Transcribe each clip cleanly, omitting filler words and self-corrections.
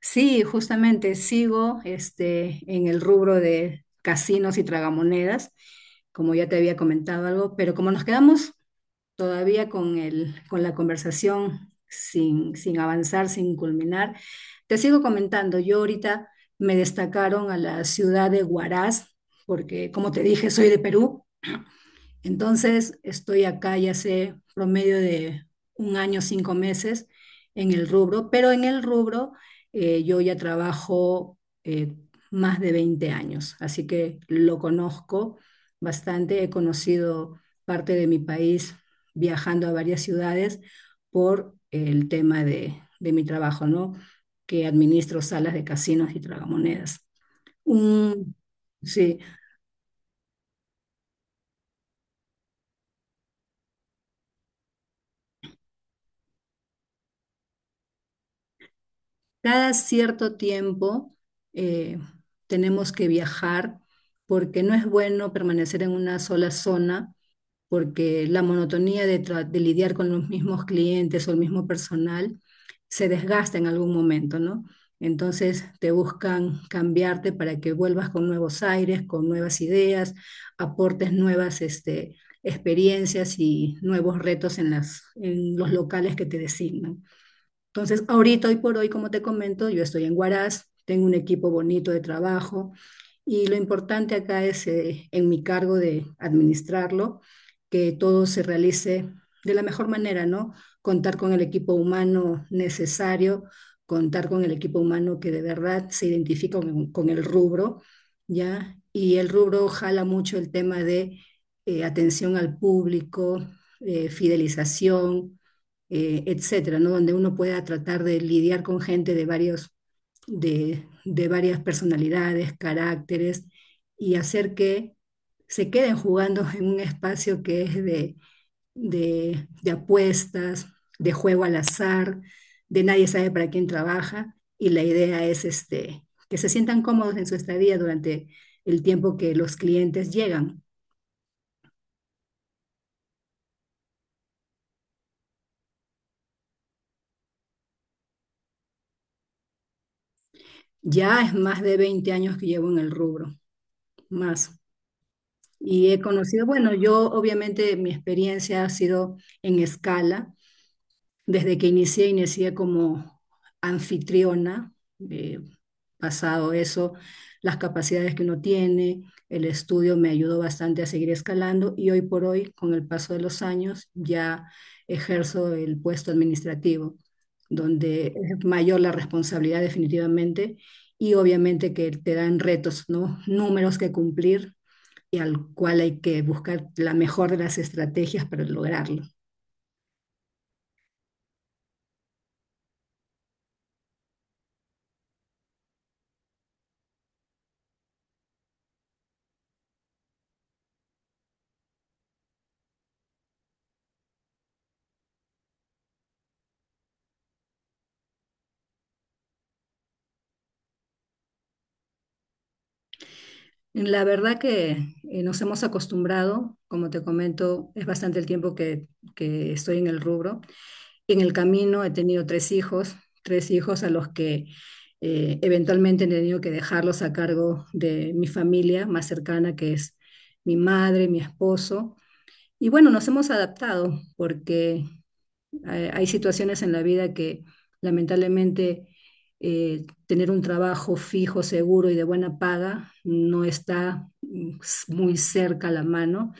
Sí, justamente sigo este, en el rubro de casinos y tragamonedas, como ya te había comentado algo, pero como nos quedamos todavía con la conversación sin avanzar, sin culminar, te sigo comentando. Yo ahorita me destacaron a la ciudad de Huaraz, porque como te dije, soy de Perú. Entonces, estoy acá ya hace promedio de un año, 5 meses en el rubro, pero en el rubro yo ya trabajo eh, más de 20 años, así que lo conozco bastante, he conocido parte de mi país viajando a varias ciudades por el tema de mi trabajo, ¿no? Que administro salas de casinos y tragamonedas. Un, sí. Cada cierto tiempo, eh, tenemos que viajar porque no es bueno permanecer en una sola zona, porque la monotonía de lidiar con los mismos clientes o el mismo personal se desgasta en algún momento, ¿no? Entonces te buscan cambiarte para que vuelvas con nuevos aires, con nuevas ideas, aportes nuevas experiencias y nuevos retos en en los locales que te designan. Entonces, ahorita, hoy por hoy, como te comento, yo estoy en Huaraz, tengo un equipo bonito de trabajo y lo importante acá es, en mi cargo de administrarlo, que todo se realice de la mejor manera, ¿no? Contar con el equipo humano necesario, contar con el equipo humano que de verdad se identifica con el rubro, ¿ya? Y el rubro jala mucho el tema de, atención al público, fidelización, etcétera, ¿no? Donde uno pueda tratar de lidiar con gente de varias personalidades, caracteres, y hacer que se queden jugando en un espacio que es de apuestas, de juego al azar, de nadie sabe para quién trabaja, y la idea es que se sientan cómodos en su estadía durante el tiempo que los clientes llegan. Ya es más de 20 años que llevo en el rubro, más. Y he conocido, bueno, yo obviamente mi experiencia ha sido en escala. Desde que inicié como anfitriona, eh, pasado eso, las capacidades que uno tiene, el estudio me ayudó bastante a seguir escalando y hoy por hoy, con el paso de los años, ya ejerzo el puesto administrativo, donde es mayor la responsabilidad definitivamente y obviamente que te dan retos, ¿no? Números que cumplir y al cual hay que buscar la mejor de las estrategias para lograrlo. La verdad que, nos hemos acostumbrado, como te comento, es bastante el tiempo que estoy en el rubro. En el camino he tenido tres hijos, a los que eventualmente he tenido que dejarlos a cargo de mi familia más cercana, que es mi madre, mi esposo. Y bueno, nos hemos adaptado porque, hay situaciones en la vida que lamentablemente, tener un trabajo fijo, seguro y de buena paga no está, muy cerca a la mano,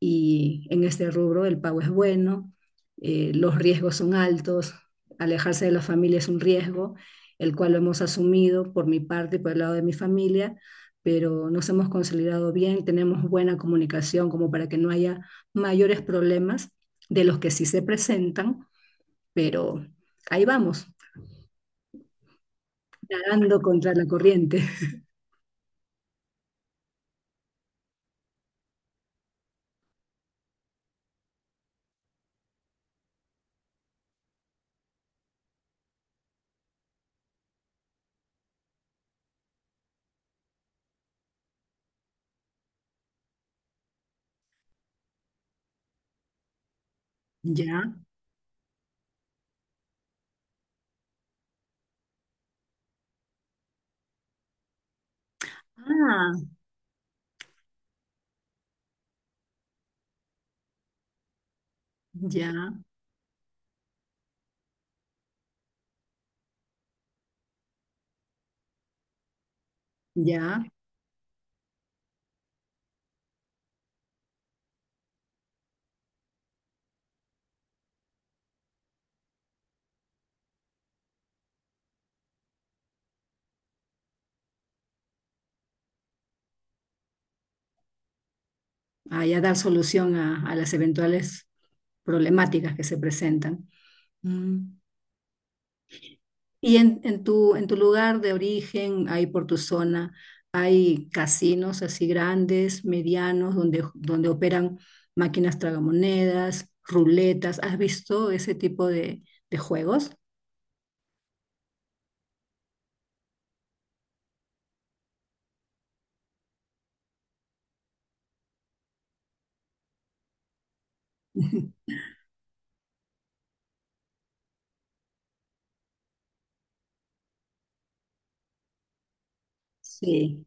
y en este rubro el pago es bueno, los riesgos son altos, alejarse de la familia es un riesgo, el cual lo hemos asumido por mi parte y por el lado de mi familia, pero nos hemos consolidado bien, tenemos buena comunicación como para que no haya mayores problemas de los que sí se presentan, pero ahí vamos, nadando contra la corriente. Ya, ah, ya, ya, ah, ya dar solución a las eventuales problemáticas que se presentan. Mm. Y en tu lugar de origen, ahí por tu zona, hay casinos así grandes, medianos, donde operan máquinas tragamonedas, ruletas. ¿Has visto ese tipo de juegos? Sí.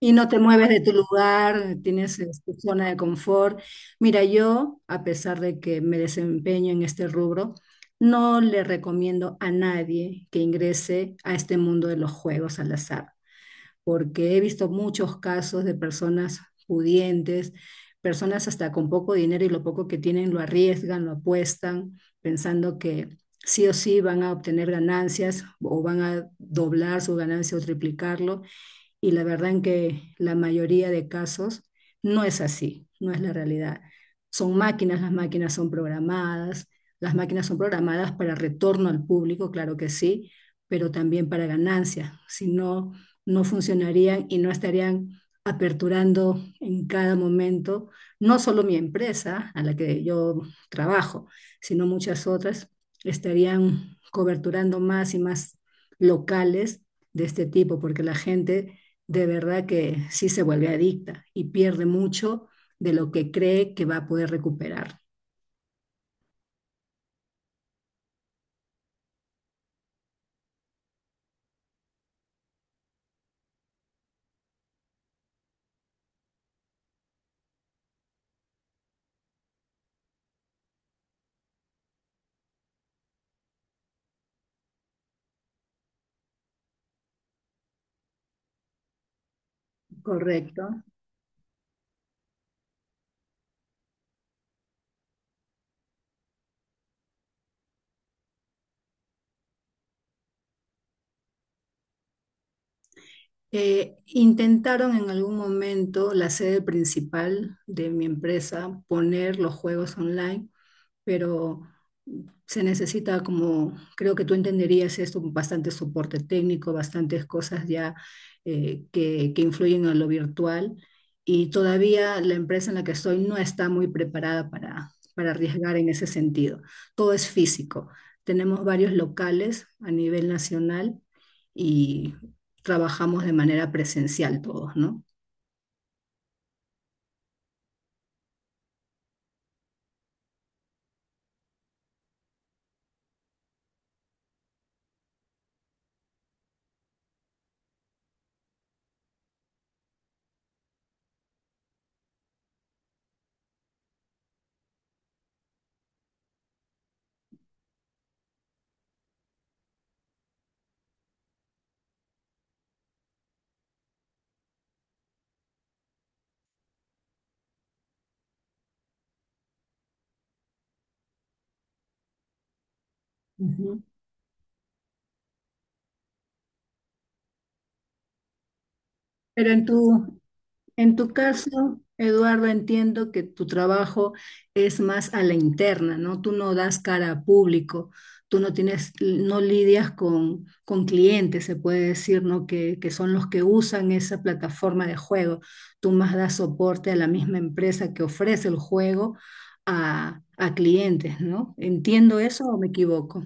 Y no te mueves de tu lugar, tienes, tu zona de confort. Mira, yo, a pesar de que me desempeño en este rubro, no le recomiendo a nadie que ingrese a este mundo de los juegos al azar, porque he visto muchos casos de personas pudientes, personas hasta con poco dinero y lo poco que tienen lo arriesgan, lo apuestan, pensando que sí o sí van a obtener ganancias o van a doblar su ganancia o triplicarlo, y la verdad en que la mayoría de casos no es así, no es la realidad. Son máquinas, las máquinas son programadas, las máquinas son programadas para retorno al público, claro que sí, pero también para ganancia. Si no, no funcionarían y no estarían aperturando en cada momento, no solo mi empresa a la que yo trabajo, sino muchas otras, estarían coberturando más y más locales de este tipo, porque la gente de verdad que sí se vuelve adicta y pierde mucho de lo que cree que va a poder recuperar. Correcto. Intentaron en algún momento la sede principal de mi empresa poner los juegos online, pero se necesita como, creo que tú entenderías esto, bastante soporte técnico, bastantes cosas ya, que influyen en lo virtual, y todavía la empresa en la que estoy no está muy preparada para arriesgar en ese sentido. Todo es físico. Tenemos varios locales a nivel nacional y trabajamos de manera presencial todos, ¿no? Ujú. Pero en tu caso, Eduardo, entiendo que tu trabajo es más a la interna, ¿no? Tú no das cara a público, tú no tienes, no lidias con clientes, se puede decir, ¿no? Que son los que usan esa plataforma de juego. Tú más das soporte a la misma empresa que ofrece el juego a clientes, ¿no? ¿Entiendo eso o me equivoco?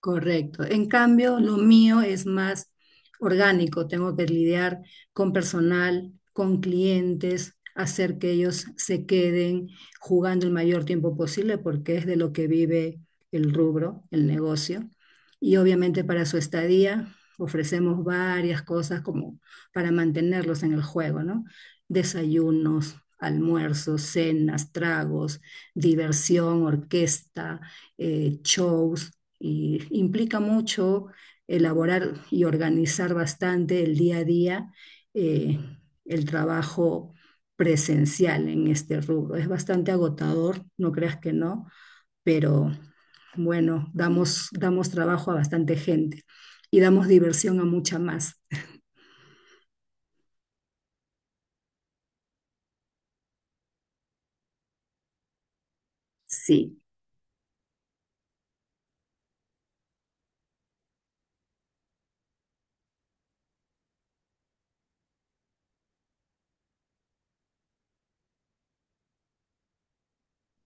Correcto. En cambio, lo mío es más orgánico. Tengo que lidiar con personal, con clientes, hacer que ellos se queden jugando el mayor tiempo posible porque es de lo que vive el rubro, el negocio. Y obviamente para su estadía ofrecemos varias cosas como para mantenerlos en el juego, ¿no? Desayunos, almuerzos, cenas, tragos, diversión, orquesta, shows, y implica mucho elaborar y organizar bastante el día a día, eh, el trabajo presencial en este rubro. Es bastante agotador, no creas que no, pero bueno, damos trabajo a bastante gente y damos diversión a mucha más. Sí,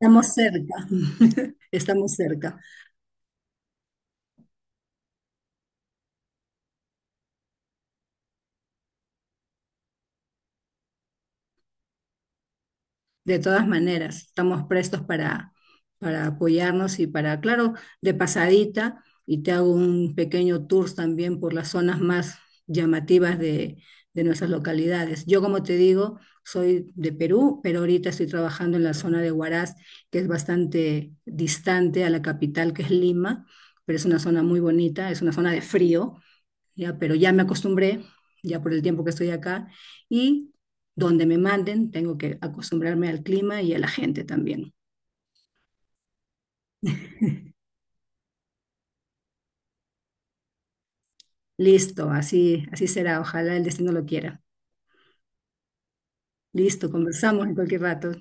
estamos cerca, estamos cerca. De todas maneras, estamos prestos para apoyarnos y para, claro, de pasadita, y te hago un pequeño tour también por las zonas más llamativas de nuestras localidades. Yo, como te digo, soy de Perú, pero ahorita estoy trabajando en la zona de Huaraz, que es bastante distante a la capital, que es Lima, pero es una zona muy bonita, es una zona de frío, ya, pero ya me acostumbré, ya por el tiempo que estoy acá, y donde me manden, tengo que acostumbrarme al clima y a la gente también. Listo, así, así será, ojalá el destino lo quiera. Listo, conversamos en cualquier rato.